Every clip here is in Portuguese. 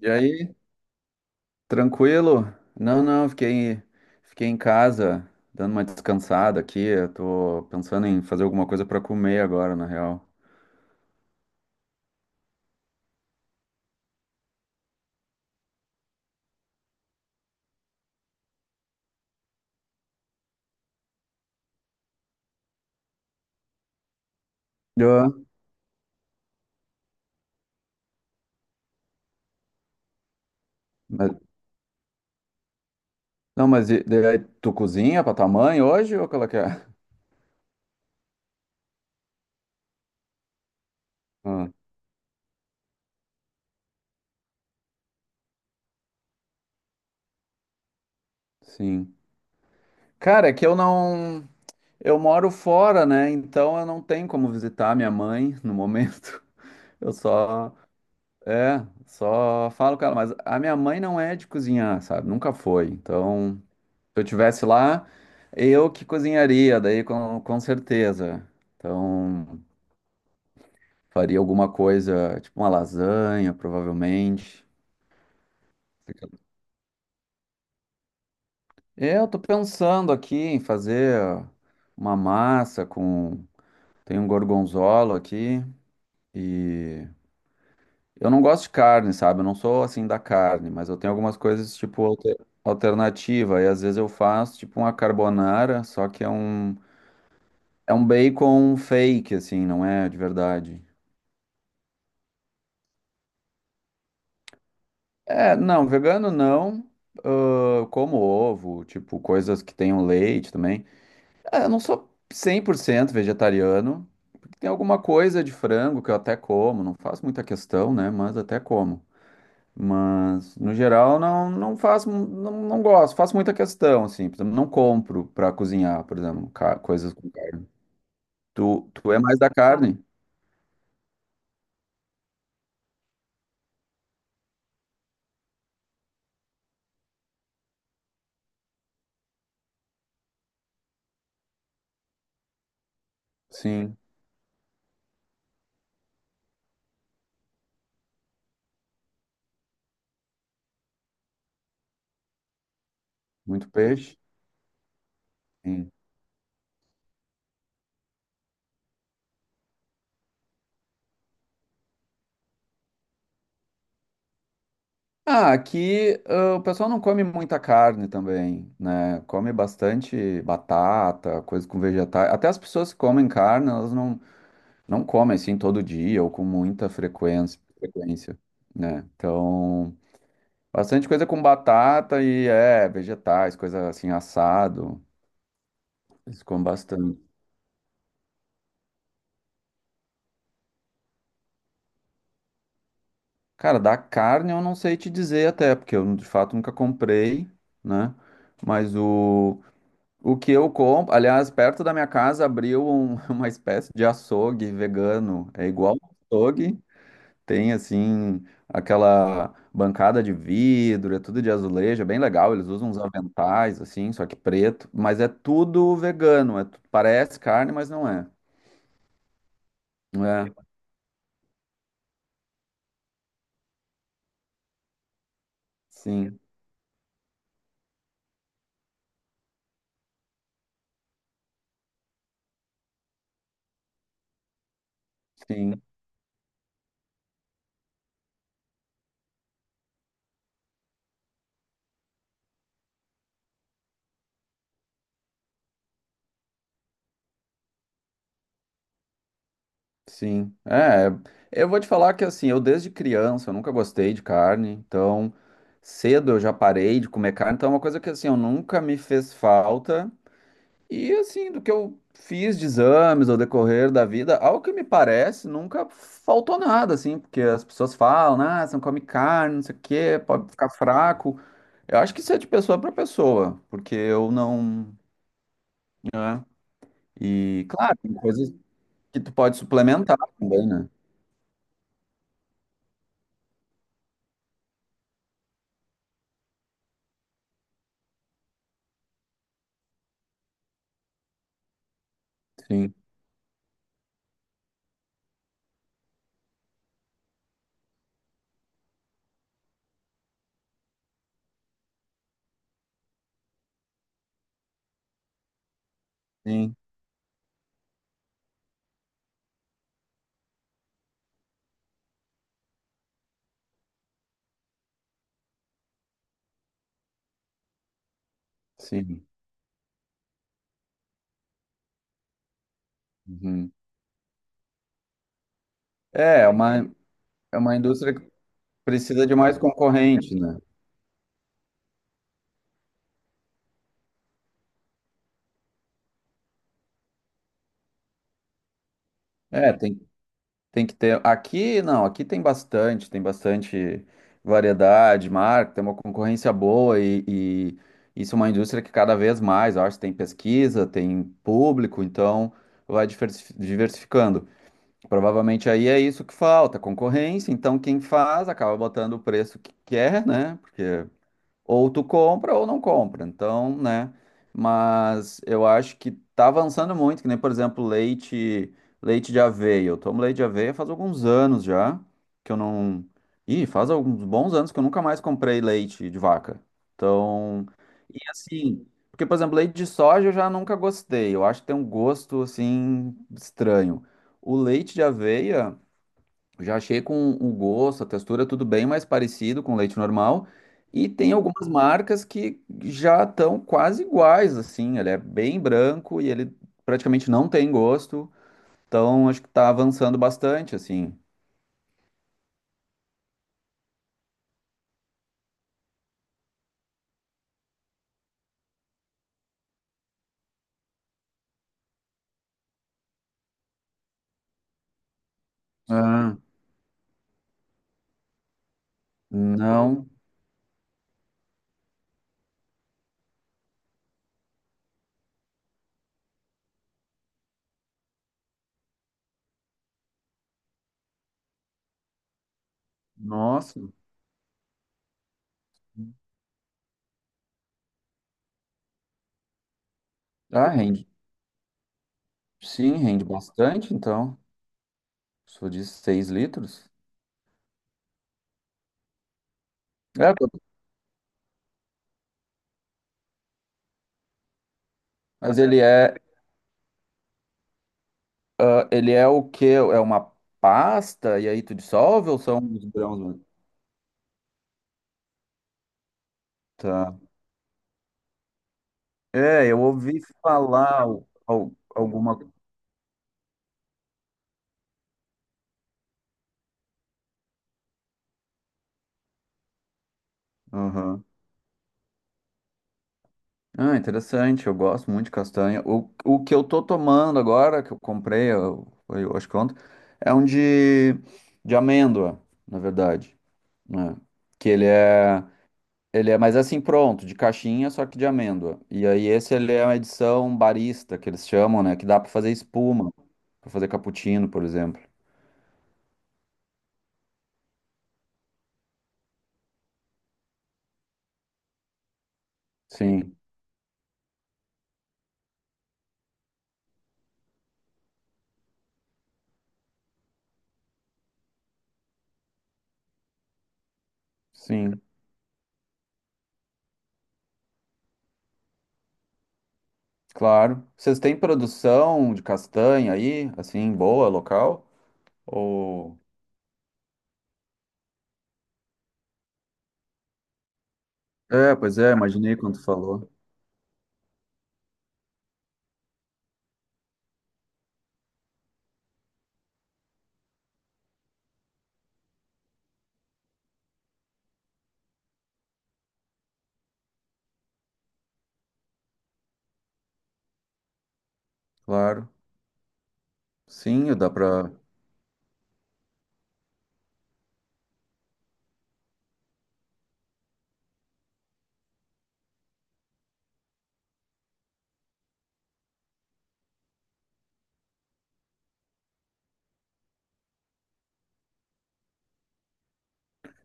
E aí, tranquilo? Não, não, fiquei, fiquei em casa, dando uma descansada aqui. Eu tô pensando em fazer alguma coisa pra comer agora, na real. Ah, mas- não, mas e aí, tu cozinha pra tua mãe hoje ou qual é que é? Ah, sim. Cara, é que eu não. Eu moro fora, né? Então eu não tenho como visitar minha mãe no momento. Eu só. É, só falo com ela. Mas a minha mãe não é de cozinhar, sabe? Nunca foi. Então. Se eu tivesse lá, eu que cozinharia, daí com certeza. Então, faria alguma coisa, tipo uma lasanha, provavelmente. Eu tô pensando aqui em fazer uma massa com. Tem um gorgonzola aqui e. Eu não gosto de carne, sabe? Eu não sou assim da carne, mas eu tenho algumas coisas tipo alternativa. E às vezes eu faço tipo uma carbonara, só que é um bacon fake, assim, não é de verdade. É, não, vegano não. Ah, como ovo, tipo, coisas que tenham leite também. É, eu não sou 100% vegetariano. Tem alguma coisa de frango que eu até como, não faço muita questão, né? Mas até como. Mas, no geral, não, não faço, não, não gosto, faço muita questão, assim. Por exemplo, não compro pra cozinhar, por exemplo, coisas com carne. Tu é mais da carne? Sim. Muito peixe? Ah, aqui ah, o pessoal não come muita carne também, né? Come bastante batata, coisa com vegetais. Até as pessoas que comem carne, elas não, não comem assim todo dia ou com muita frequência, né? Então, bastante coisa com batata e é, vegetais, coisa assim, assado. Eles comem bastante. Cara, da carne eu não sei te dizer até, porque eu de fato nunca comprei, né? Mas o. O que eu compro, aliás, perto da minha casa abriu uma espécie de açougue vegano. É igual um açougue, tem assim aquela bancada de vidro, é tudo de azulejo, é bem legal. Eles usam uns aventais assim, só que preto, mas é tudo vegano. É parece carne, mas não é. É, sim, sim. Sim, é, eu vou te falar que assim, eu desde criança, eu nunca gostei de carne, então cedo eu já parei de comer carne, então é uma coisa que assim, eu nunca me fez falta, e assim, do que eu fiz de exames ao decorrer da vida, ao que me parece, nunca faltou nada, assim, porque as pessoas falam, ah, você não come carne, não sei o quê, pode ficar fraco, eu acho que isso é de pessoa para pessoa, porque eu não, né, e claro, tem coisas que tu pode suplementar também, né, sim, sim. Sim. Uhum. É, é uma indústria que precisa de mais concorrente, né? É, tem, tem que ter. Aqui, não, aqui tem bastante variedade, marca, tem uma concorrência boa e isso é uma indústria que cada vez mais, eu acho, tem pesquisa, tem público, então vai diversificando. Provavelmente aí é isso que falta, concorrência, então quem faz acaba botando o preço que quer, né? Porque ou tu compra ou não compra. Então, né? Mas eu acho que tá avançando muito, que nem, por exemplo, leite, leite de aveia. Eu tomo leite de aveia faz alguns anos já, que eu não. Ih, faz alguns bons anos que eu nunca mais comprei leite de vaca. Então, e assim, porque, por exemplo, leite de soja eu já nunca gostei. Eu acho que tem um gosto assim estranho. O leite de aveia já achei com o gosto, a textura, tudo bem mais parecido com leite normal. E tem algumas marcas que já estão quase iguais, assim. Ele é bem branco e ele praticamente não tem gosto. Então, acho que está avançando bastante, assim. Ah, não. Nossa. Ah, rende. Sim, rende bastante, então. Sou de 6 litros. É, pô. Mas ele é, ah, ele é o quê? É uma pasta e aí tu dissolve ou são os grãos? Tá. É, eu ouvi falar alguma. Aham. Ah, interessante. Eu gosto muito de castanha. O que eu tô tomando agora, que eu comprei, eu, foi, eu acho que ontem, é um de amêndoa, na verdade, né? Que ele é mas assim pronto, de caixinha, só que de amêndoa. E aí esse ele é uma edição barista, que eles chamam, né? Que dá pra fazer espuma, pra fazer cappuccino, por exemplo. Sim, sim. Claro. Vocês têm produção de castanha aí, assim, boa, local? Ou... É, pois é, imaginei quando tu falou. Claro. Sim, dá pra...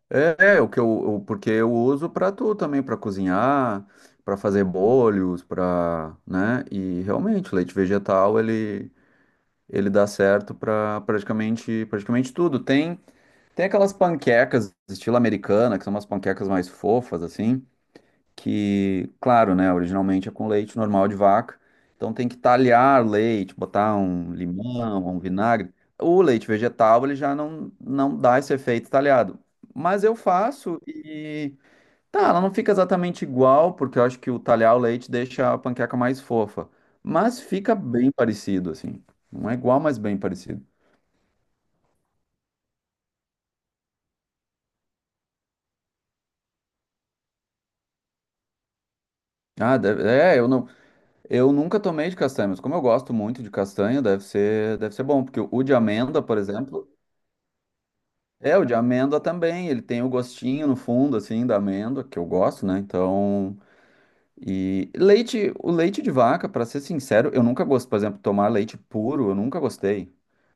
É, é, o que eu, o- porque eu uso pra tu também, pra cozinhar, pra fazer bolhos, pra, né? E realmente, o leite vegetal, ele dá certo pra praticamente tudo. Tem, tem aquelas panquecas estilo americana, que são umas panquecas mais fofas, assim, que, claro, né, originalmente é com leite normal de vaca, então tem que talhar leite, botar um limão, um vinagre. O leite vegetal, ele já não, não dá esse efeito talhado. Mas eu faço e tá, ela não fica exatamente igual, porque eu acho que o talhar o leite deixa a panqueca mais fofa, mas fica bem parecido assim. Não é igual, mas bem parecido. Ah, é, eu não, eu nunca tomei de castanha, mas como eu gosto muito de castanha, deve ser bom, porque o de amêndoa, por exemplo, é, o de amêndoa também, ele tem o gostinho no fundo, assim, da amêndoa, que eu gosto, né? Então, e leite, o leite de vaca, pra ser sincero, eu nunca gosto, por exemplo, tomar leite puro, eu nunca gostei.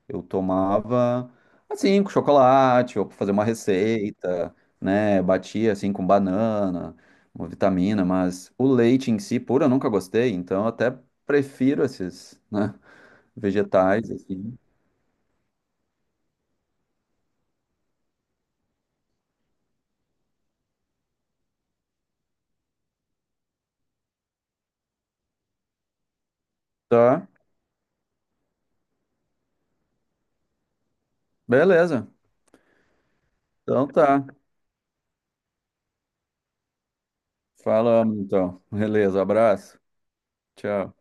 Eu tomava, assim, com chocolate, ou pra fazer uma receita, né? Batia, assim, com banana, uma vitamina, mas o leite em si, puro, eu nunca gostei, então eu até prefiro esses, né, vegetais, assim. Tá, beleza. Então tá. Falamos então. Beleza, abraço. Tchau.